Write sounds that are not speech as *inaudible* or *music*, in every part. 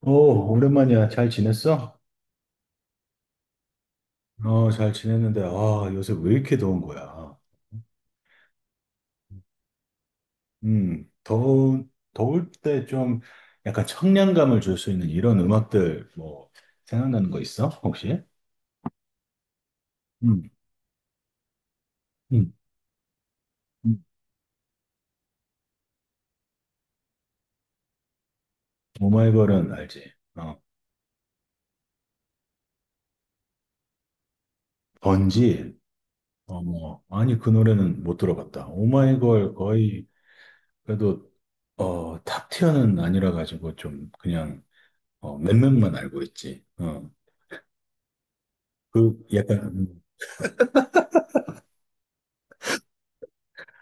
오, 오랜만이야. 잘 지냈어? 어, 잘 지냈는데, 아, 요새 왜 이렇게 더운 거야? 더울 때 좀 약간 청량감을 줄 수 있는 이런 음악들 뭐 생각나는 거 있어? 혹시? 음, 음, 음. 오마이걸은 알지? 어, 번지? 어, 뭐, 아니, 그 노래는 못 들어봤다. 오마이걸 거의 그래도 어, 탑 티어는 아니라 가지고 좀 그냥 어, 몇몇만 알고 있지. 어, 그 약간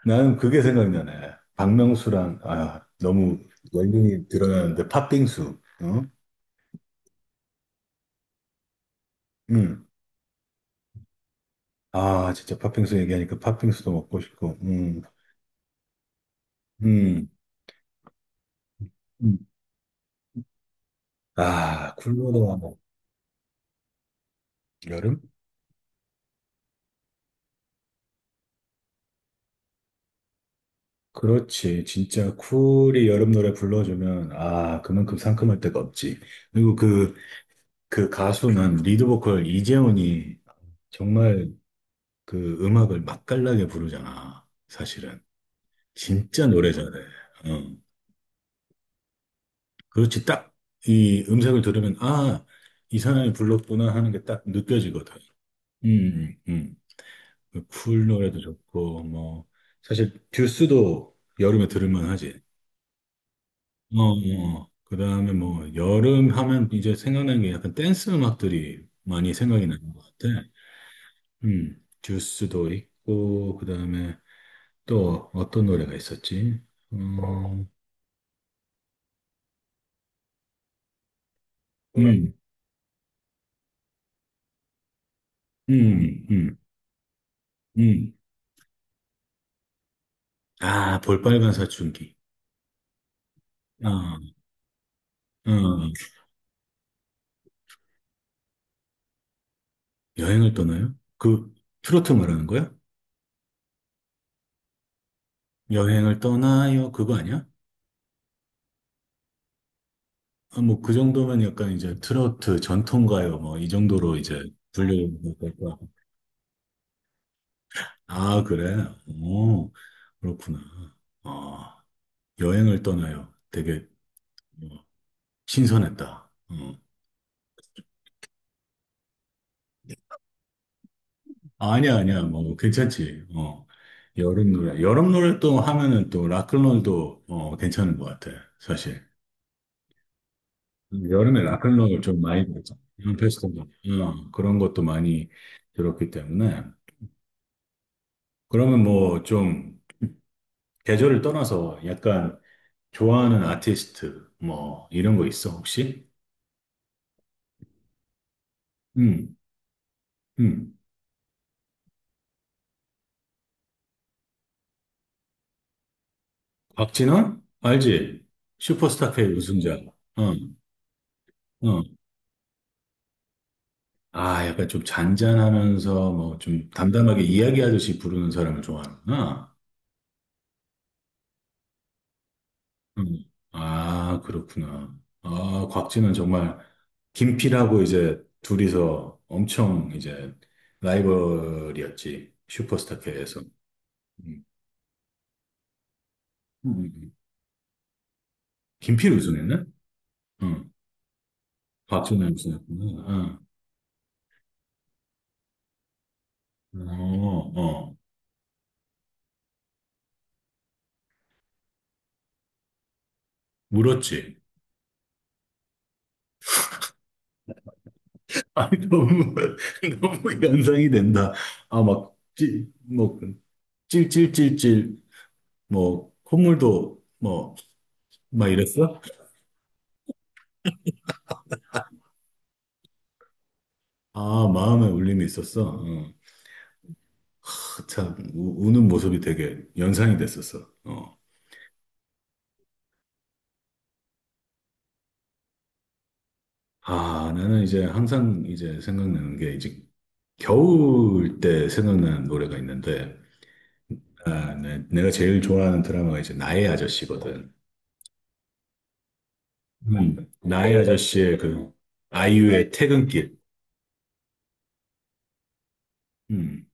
나는 그게 생각나네. 박명수랑, 아, 너무 연륜이 드러나는데, 팥빙수. 응? 응. 아, 진짜 팥빙수 얘기하니까 팥빙수도 먹고 싶고, 음. 음. 아, 쿨보다 여름? 그렇지. 진짜 쿨이 여름 노래 불러주면, 아, 그만큼 상큼할 데가 없지. 그리고 그, 그 가수는 리드 보컬 이재훈이 정말 그 음악을 맛깔나게 부르잖아. 사실은. 진짜 노래 잘해. 어. 그렇지. 딱 이 음색을 들으면, 아, 이 사람이 불렀구나 하는 게 딱 느껴지거든. 음, 음. 쿨 노래도 좋고, 뭐, 사실 듀스도 여름에 들을만 하지. 어, 어. 그 다음에 뭐, 여름 하면 이제 생각나는 게 약간 댄스 음악들이 많이 생각이 나는 것 같아. 듀스도 있고, 그 다음에 또 어떤 노래가 있었지? 어, 음, 음, 음, 음. 아, 볼빨간 사춘기. 아, 어, 여행을 떠나요? 그 트로트 말하는 거야? 여행을 떠나요? 그거 아니야? 아, 뭐 그 정도면 약간 이제 트로트 전통가요 뭐 이 정도로 이제 분류될 거야. 아, 그래? 오, 그렇구나. 아, 여행을 떠나요. 되게 어, 신선했다. 어. 아니야, 아니야, 뭐 괜찮지. 어, 여름 노래 여름 노래 또 하면은 또 락클롤도 어, 괜찮은 것 같아 사실. 여름에 락클락을 좀 많이 들었죠. 이런 페스티벌. 그런 것도 많이 들었기 때문에. 그러면 뭐 좀 계절을 떠나서 약간 좋아하는 아티스트 뭐 이런 거 있어 혹시? 음, 음. 박진원? 알지? 슈퍼스타 K 우승자. 어, 어. 아, 약간 좀 잔잔하면서 뭐 좀 담담하게 이야기하듯이 부르는 사람을 좋아하는구나. 음. 아, 그렇구나. 아, 곽진은 정말 김필하고 이제 둘이서 엄청 이제 라이벌이었지. 슈퍼스타K에서. 음. 음, 음. 김필 우승했나? 응. 곽진은 우승했구나. 응. 어, 어. 울었지. 아니, 너무, *laughs* 너무 연상이 된다. 아, 막, 뭐, 찔찔찔찔, 뭐, 콧물도, 뭐, 막 이랬어? 아, 마음에 울림이 있었어. 어. 참, 우는 모습이 되게 연상이 됐었어. 어. 아, 나는 이제 항상 이제 생각나는 게 이제 겨울 때 생각나는 노래가 있는데, 아, 내가 제일 좋아하는 드라마가 이제 나의 아저씨거든. 나의 아저씨의 그 아이유의 퇴근길. 음,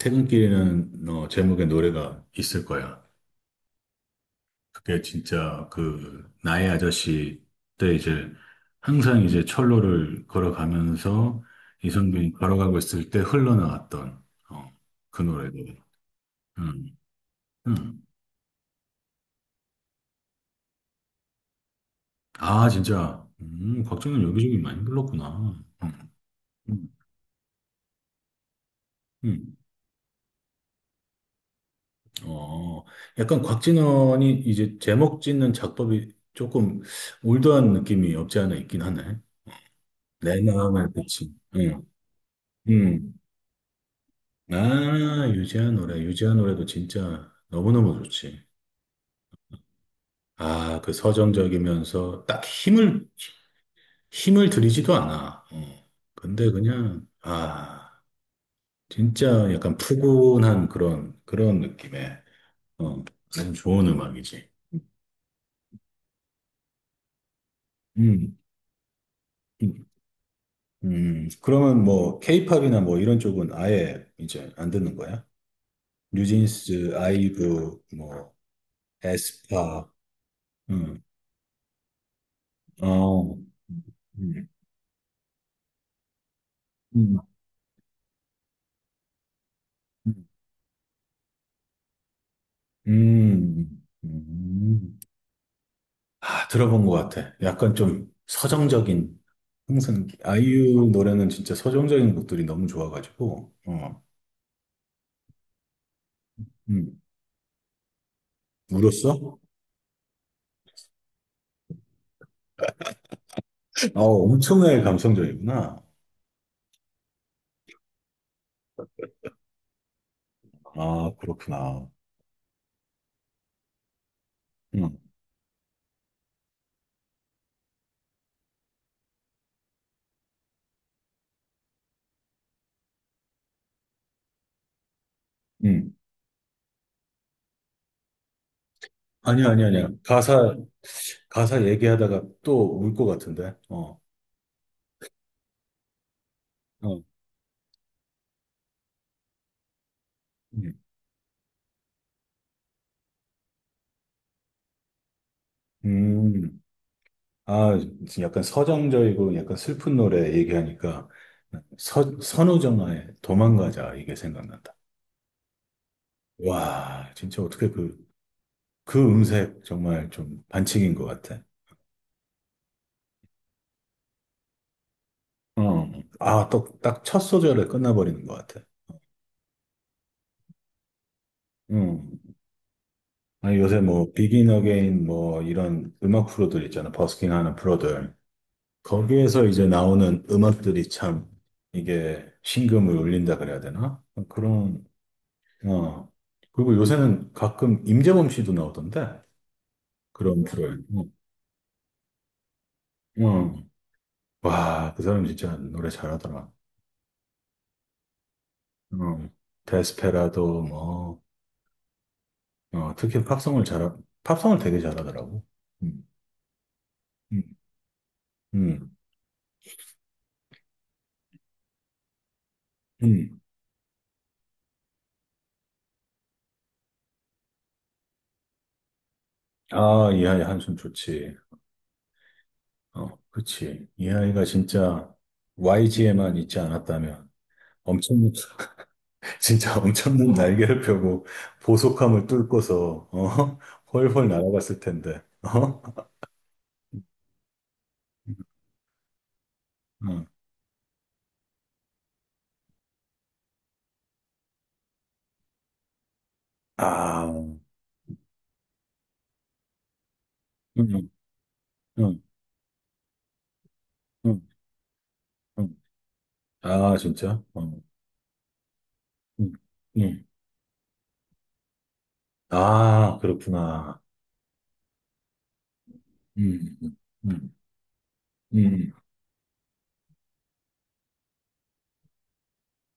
퇴근길이라는 어, 제목의 노래가 있을 거야. 그게 진짜 그 나의 아저씨 때 이제 항상 이제 철로를 걸어가면서 이선균이 걸어가고 있을 때 흘러나왔던 어, 그 노래들. 음, 음. 아, 진짜 곽진원 여기저기 많이 불렀구나. 음, 음. 어, 약간 곽진원이 이제 제목 짓는 작법이 조금 올드한 느낌이 없지 않아 있긴 하네. 내 마음의 빛이. 음. 아, 유재한 노래. 유재한 노래도 진짜 너무너무 좋지. 아, 그 서정적이면서 딱 힘을, 힘을 들이지도 않아. 어. 근데 그냥, 아, 진짜 약간 푸근한 그런, 그런 느낌의, 어, 아주 좋은 음악이지. 음, 음, 그러면 뭐, 케이팝이나 뭐 이런 쪽은 아예 이제 안 듣는 거야? 뉴진스, 아이브, 뭐, 에스파, 음, 어, 음, 음. 음. 음, 음. 아, 들어본 것 같아. 약간 좀 서정적인, 항상 아이유 노래는 진짜 서정적인 곡들이 너무 좋아가지고, 어, 음. 울었어? 아, 엄청나게 감성적이구나. 아, 그렇구나. 음, 음. 아니야, 아니야, 아니야. 가사, 가사 얘기하다가 또 울 것 같은데, 어, 어, 음. 음. 아, 지금 약간 서정적이고 약간 슬픈 노래 얘기하니까 선우정아의 도망가자 이게 생각난다. 와, 진짜 어떻게 그, 그 음색 정말 좀 반칙인 것 같아. 어. 아, 또, 딱 첫 소절에 끝나버리는 것 같아. 음. 아니, 요새 뭐, 비긴 어게인 뭐, 이런 음악 프로들 있잖아. 버스킹 하는 프로들. 거기에서 이제 나오는 음악들이 참, 이게 심금을 울린다 그래야 되나? 그런 어. 그리고 요새는 가끔 임재범 씨도 나오던데. 그런 프로에. 어. 어. 와, 그 사람 진짜 노래 잘하더라. 어. 데스페라도 뭐, 어, 특히 팝송을 잘, 팝송을 되게 잘하더라고. 음, 음, 음, 음. 아, 이 아이 한숨 좋지. 어, 그치. 이 아이가 진짜 YG에만 있지 않았다면 엄청, *laughs* 진짜 엄청난 날개를 펴고 보속함을 뚫고서, 어, *laughs* 훨훨 날아갔을 텐데. 어? 음. 아, 음, 음, 음. 음. 아, 진짜? 어. 음, 음. 아, 그렇구나. 음, 음, 음,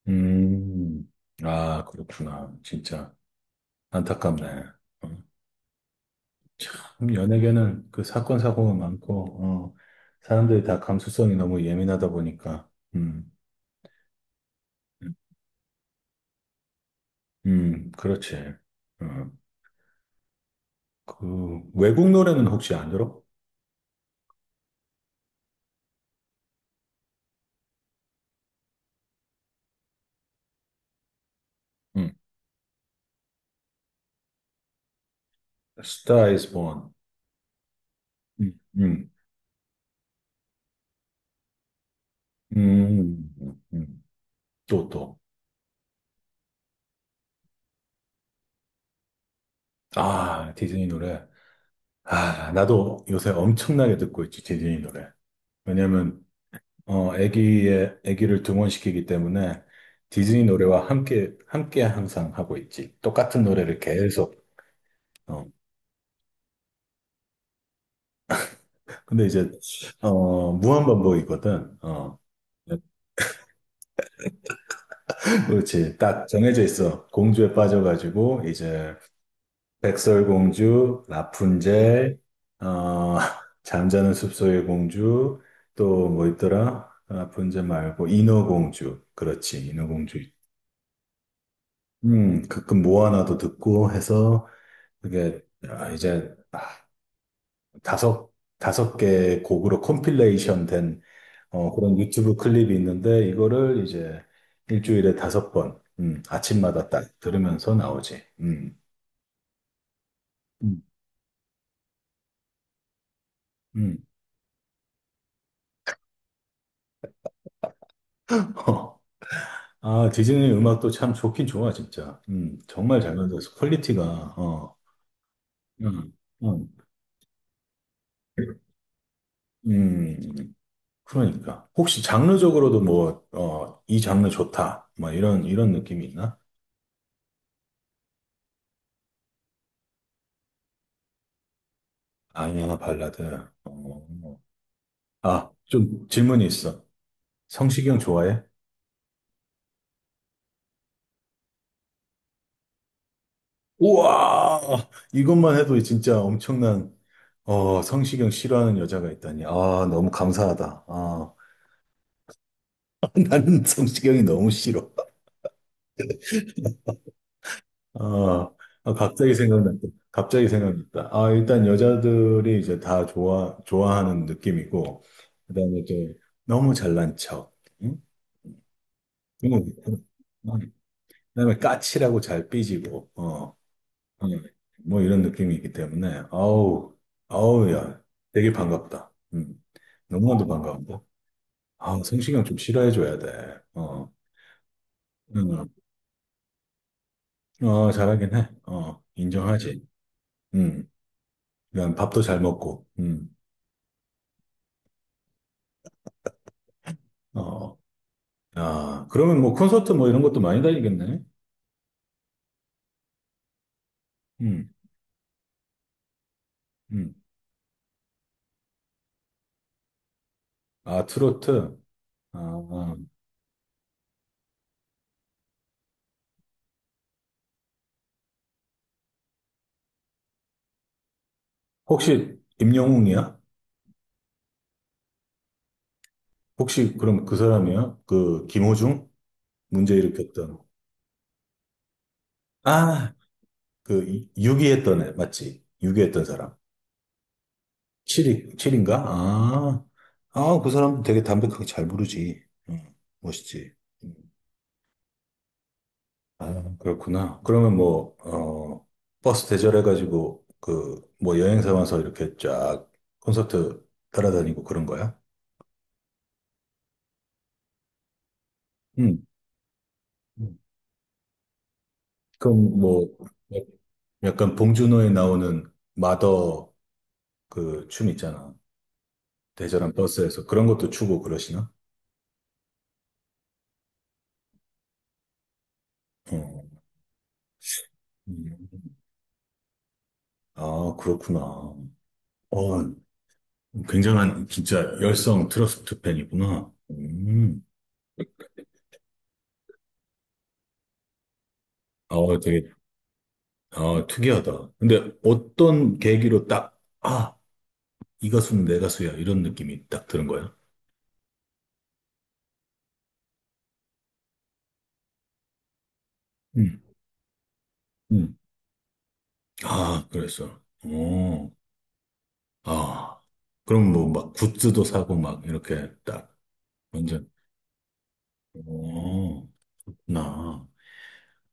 음. 아, 그렇구나. 진짜 안타깝네. 어. 참, 연예계는 그 사건, 사고가 많고, 어, 사람들이 다 감수성이 너무 예민하다 보니까, 음, 음, 그렇지. 어. 그, 외국 노래는 혹시 안 들어? 음. Star is Born. 음. 음. 음, 음, 음. 또, 또. 아, 디즈니 노래. 아, 나도 요새 엄청나게 듣고 있지, 디즈니 노래. 왜냐면, 어, 애기를 등원시키기 때문에 디즈니 노래와 함께 항상 하고 있지. 똑같은 노래를 계속. 어. 근데 이제, 어, 무한반복이거든. 어. *laughs* 그렇지. 딱 정해져 있어. 공주에 빠져가지고, 이제, 백설공주, 라푼젤, 어, *laughs* 잠자는 숲속의 공주, 또 뭐 있더라? 라푼젤 말고 인어공주, 그렇지, 인어공주. 가끔 모아나도 듣고 해서 그게 아, 이제 아, 다섯 5개 곡으로 컴필레이션 된 어, 그런 유튜브 클립이 있는데 이거를 이제 일주일에 5번, 아침마다 딱 들으면서 나오지. 음, 음. *laughs* 아, 디즈니 음악도 참 좋긴 좋아, 진짜. 정말 잘 만들어서 퀄리티가, 어, 음, 음, 음, 그러니까. 혹시 장르적으로도 뭐, 어, 이 장르 좋다. 뭐, 이런, 이런 느낌이 있나? 아니야, 발라드. 어, 뭐. 아, 좀 질문이 있어. 성시경 좋아해? 우와! 이것만 해도 진짜 엄청난, 어, 성시경 싫어하는 여자가 있다니. 아, 너무 감사하다. 아, *laughs* 나는 성시경이 너무 싫어. 아, 아, 갑자기 생각났다. 갑자기 생각났다. 아, 일단 여자들이 이제 다 좋아하는 느낌이고, 그다음에 이제 너무 잘난 척, 응? 그리고 그다음에 까칠하고 잘 삐지고, 어, 어, 뭐 이런 느낌이기 때문에, 아우, 아우, 야, 되게 반갑다. 너무나도 반가운데. 아, 성시경 좀 싫어해줘야 돼. 어, 응. 어, 잘하긴 해. 어, 인정하지. 음, 그냥 밥도 잘 먹고, 어, 아, 그러면 뭐 콘서트 뭐 이런 것도 많이 다니겠네. 음, 음. 아, 트로트. 아, 아. 혹시 임영웅이야? 혹시 그럼 그 사람이야? 그 김호중? 문제 일으켰던. 아, 그 유기했던 애, 맞지? 유기했던 사람. 7위, 7인가? 아, 아, 그 사람 되게 담백하게 잘 부르지. 응, 멋있지. 음. 아, 그렇구나. 그러면 뭐, 어, 버스 대절해가지고, 그, 뭐 여행사 와서 이렇게 쫙 콘서트 따라다니고 그런 거야? 응. 그럼 뭐, 약간 봉준호에 나오는 마더 그 춤 있잖아. 대절한 버스에서 그런 것도 추고 그러시나? 어. 음. 아, 그렇구나. 어, 굉장한 진짜 열성 트러스트 팬이구나. 음. 어, 되게 아, 특이하다. 근데 어떤 계기로 딱, 아, 이 가수는 내 가수야. 이런 느낌이 딱 드는 거야. 음. 음. 아, 그랬어. 어, 아. 그럼 뭐 막 굿즈도 사고 막 이렇게 딱 완전, 어, 나.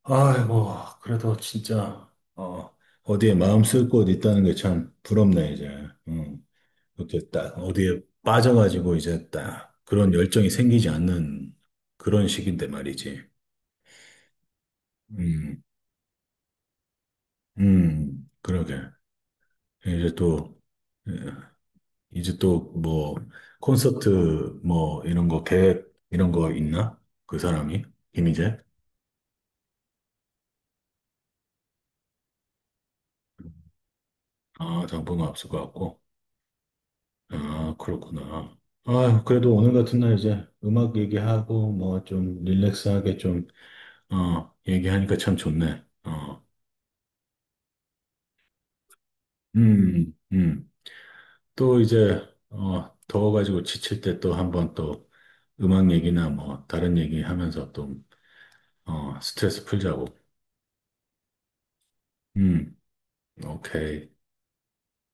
아이고, 그래도 진짜, 어, 어디에 마음 쓸 곳 있다는 게 참 부럽네, 이제. 응. 이렇게 딱 어디에 빠져가지고 이제 딱 그런 열정이 생기지 않는 그런 시기인데 말이지. 음. 그러게. 이제 또, 예, 이제 또 뭐, 콘서트 뭐, 이런 거 계획, 이런 거 있나? 그 사람이? 김희재? 아, 당분간 없을 것 같고. 아, 그렇구나. 아, 그래도 오늘 같은 날 이제 음악 얘기하고 뭐 좀 릴렉스하게 좀, 어, 얘기하니까 참 좋네. 어, 음, 음. 또 이제, 어, 더워가지고 지칠 때 또 한번 또 음악 얘기나 뭐 다른 얘기 하면서 또 어, 스트레스 풀자고. 음, 오케이.